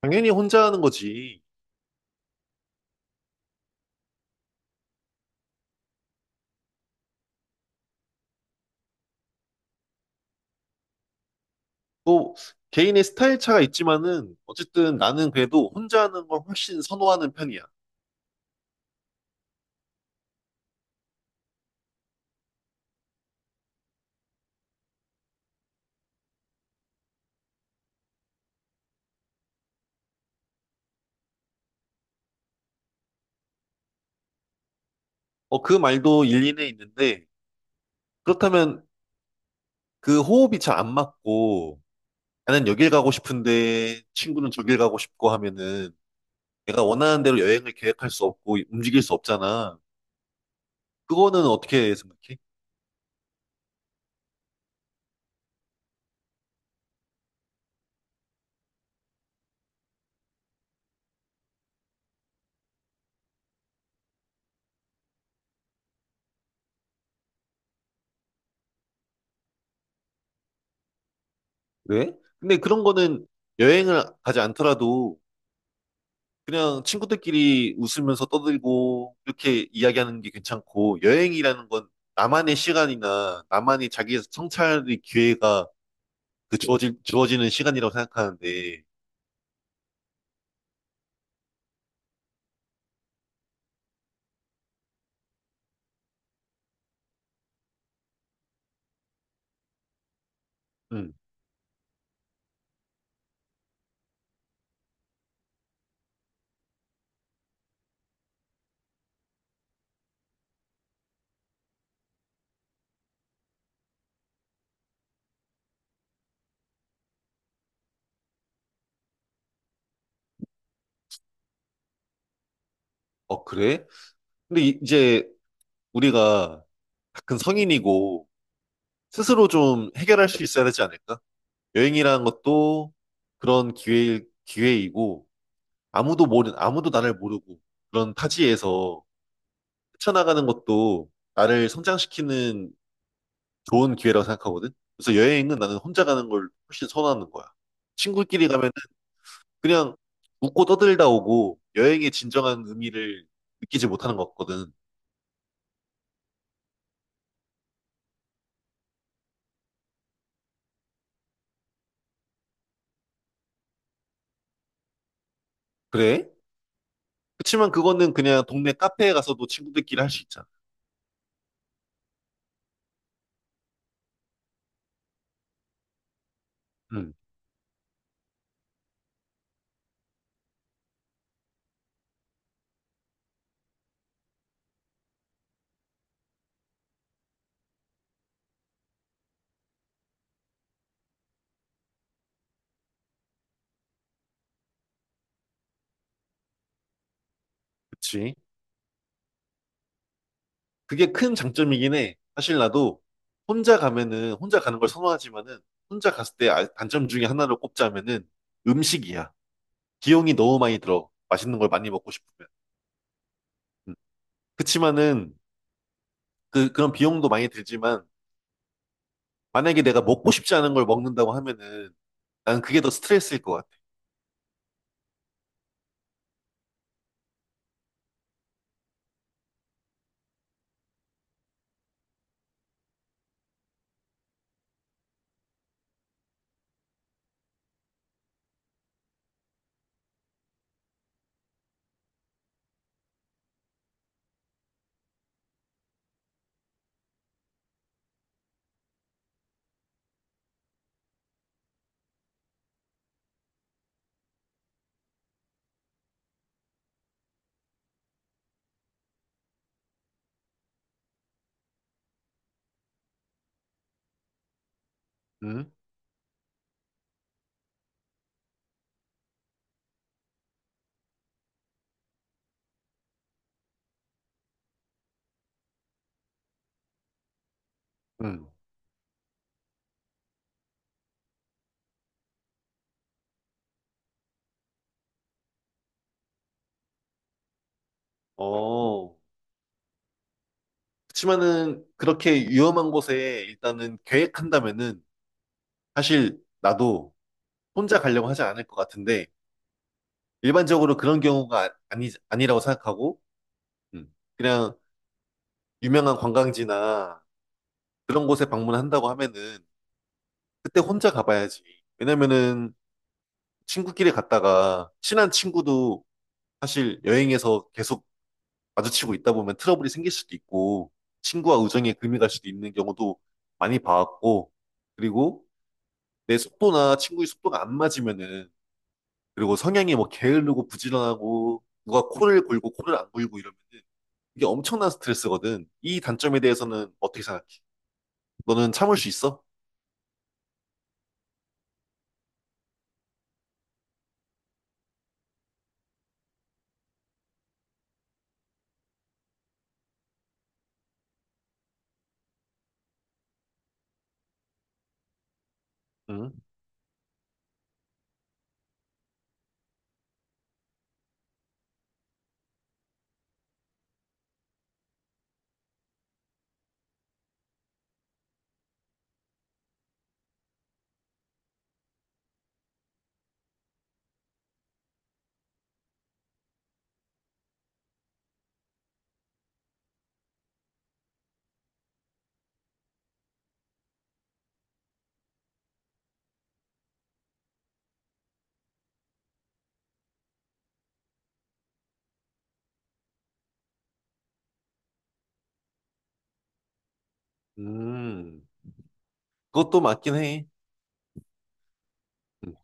당연히 혼자 하는 거지. 또 개인의 스타일 차가 있지만은 어쨌든 나는 그래도 혼자 하는 걸 훨씬 선호하는 편이야. 어, 그 말도 일리는 있는데 그렇다면 그 호흡이 잘 안 맞고 나는 여길 가고 싶은데 친구는 저길 가고 싶고 하면은 내가 원하는 대로 여행을 계획할 수 없고 움직일 수 없잖아. 그거는 어떻게 생각해? 왜? 근데 그런 거는 여행을 가지 않더라도 그냥 친구들끼리 웃으면서 떠들고 이렇게 이야기하는 게 괜찮고 여행이라는 건 나만의 시간이나 나만의 자기 성찰의 기회가 그 주어지는 시간이라고 생각하는데. 음. 어, 그래? 근데 이제 우리가 다 큰 성인이고 스스로 좀 해결할 수 있어야 되지 않을까? 여행이라는 것도 그런 기회이고 아무도 나를 모르고 그런 타지에서 헤쳐나가는 것도 나를 성장시키는 좋은 기회라고 생각하거든. 그래서 여행은 나는 혼자 가는 걸 훨씬 선호하는 거야. 친구끼리 가면은 그냥 웃고 떠들다 오고 여행의 진정한 의미를 느끼지 못하는 것 같거든. 그래? 그치만 그거는 그냥 동네 카페에 가서도 친구들끼리 할 수 있잖아. 응, 그치. 그게 큰 장점이긴 해. 사실 나도 혼자 가면은 혼자 가는 걸 선호하지만은 혼자 갔을 때 단점 중에 하나를 꼽자면은 음식이야. 비용이 너무 많이 들어. 맛있는 걸 많이 먹고 싶으면. 음. 그치만은 그런 비용도 많이 들지만, 만약에 내가 먹고 싶지 않은 걸 먹는다고 하면은, 난 그게 더 스트레스일 것 같아. 응. 응. 어, 그치만은, 그렇게 위험한 곳에 일단은 계획한다면은, 사실 나도 혼자 가려고 하지 않을 것 같은데, 일반적으로 그런 경우가 아- 아니, 아니라고 생각하고, 그냥 유명한 관광지나 그런 곳에 방문한다고 하면은, 그때 혼자 가봐야지. 왜냐면은, 친구끼리 갔다가, 친한 친구도 사실 여행에서 계속 마주치고 있다 보면 트러블이 생길 수도 있고 친구와 우정에 금이 갈 수도 있는 경우도 많이 봐왔고 그리고 내 속도나 친구의 속도가 안 맞으면은 그리고 성향이 뭐 게으르고 부지런하고 누가 코를 골고 코를 안 골고 이러면은 이게 엄청난 스트레스거든. 이 단점에 대해서는 어떻게 생각해? 너는 참을 수 있어? 응? 음. 그것도 맞긴 해. 음,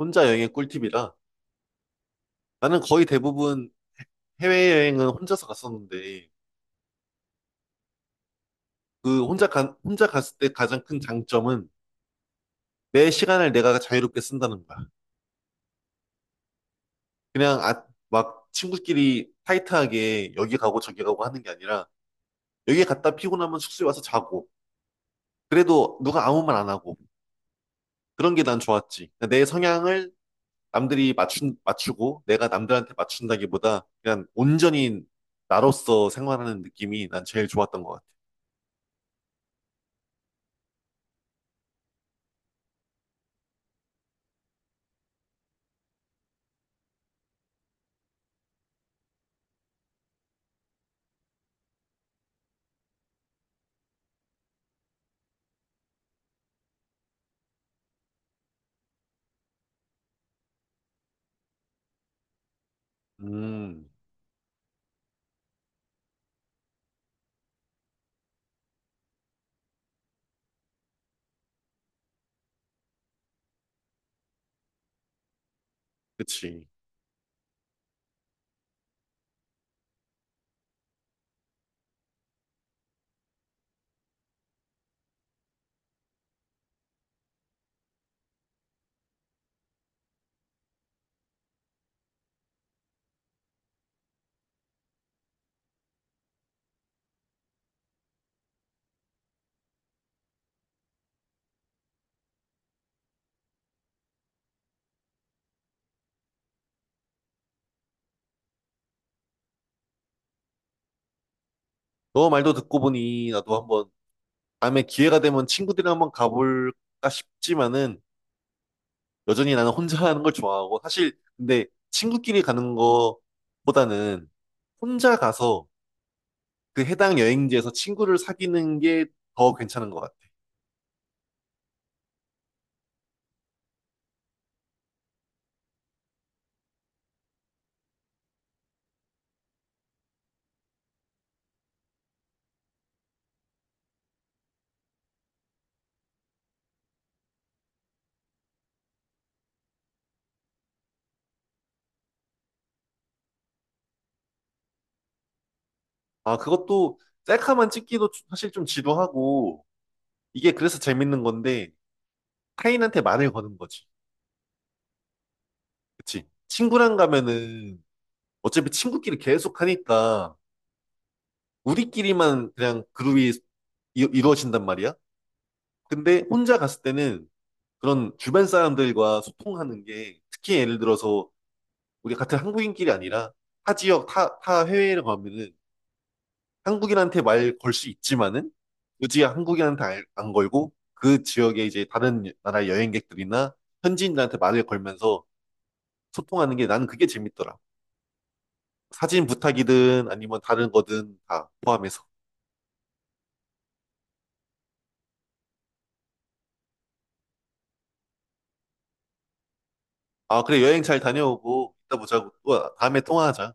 혼자 여행의 꿀팁이라. 나는 거의 대부분 해외여행은 혼자서 갔었는데, 그 혼자 갔을 때 가장 큰 장점은 내 시간을 내가 자유롭게 쓴다는 거야. 그냥 아, 막 친구끼리 타이트하게 여기 가고 저기 가고 하는 게 아니라, 여기 갔다 피곤하면 숙소에 와서 자고, 그래도 누가 아무 말 안 하고, 그런 게 난 좋았지. 내 성향을 맞추고, 내가 남들한테 맞춘다기보다 그냥 온전히 나로서 생활하는 느낌이 난 제일 좋았던 것 같아. 음, 그치. 너 말도 듣고 보니 나도 한번 다음에 기회가 되면 친구들이랑 한번 가볼까 싶지만은 여전히 나는 혼자 하는 걸 좋아하고 사실 근데 친구끼리 가는 거보다는 혼자 가서 그 해당 여행지에서 친구를 사귀는 게 더 괜찮은 것 같아. 아, 그것도 셀카만 찍기도 사실 좀 지루하고 이게 그래서 재밌는 건데 타인한테 말을 거는 거지. 그치? 친구랑 가면은 어차피 친구끼리 계속 하니까 우리끼리만 그냥 그룹이 이루어진단 말이야. 근데 혼자 갔을 때는 그런 주변 사람들과 소통하는 게 특히 예를 들어서 우리 같은 한국인끼리 아니라 타 해외를 가면은 한국인한테 말 걸 수 있지만은 굳이 한국인한테 안 걸고 그 지역에 이제 다른 나라 여행객들이나 현지인들한테 말을 걸면서 소통하는 게 나는 그게 재밌더라. 사진 부탁이든 아니면 다른 거든 다 포함해서. 아, 그래, 여행 잘 다녀오고, 이따 보자고. 또 다음에 통화하자.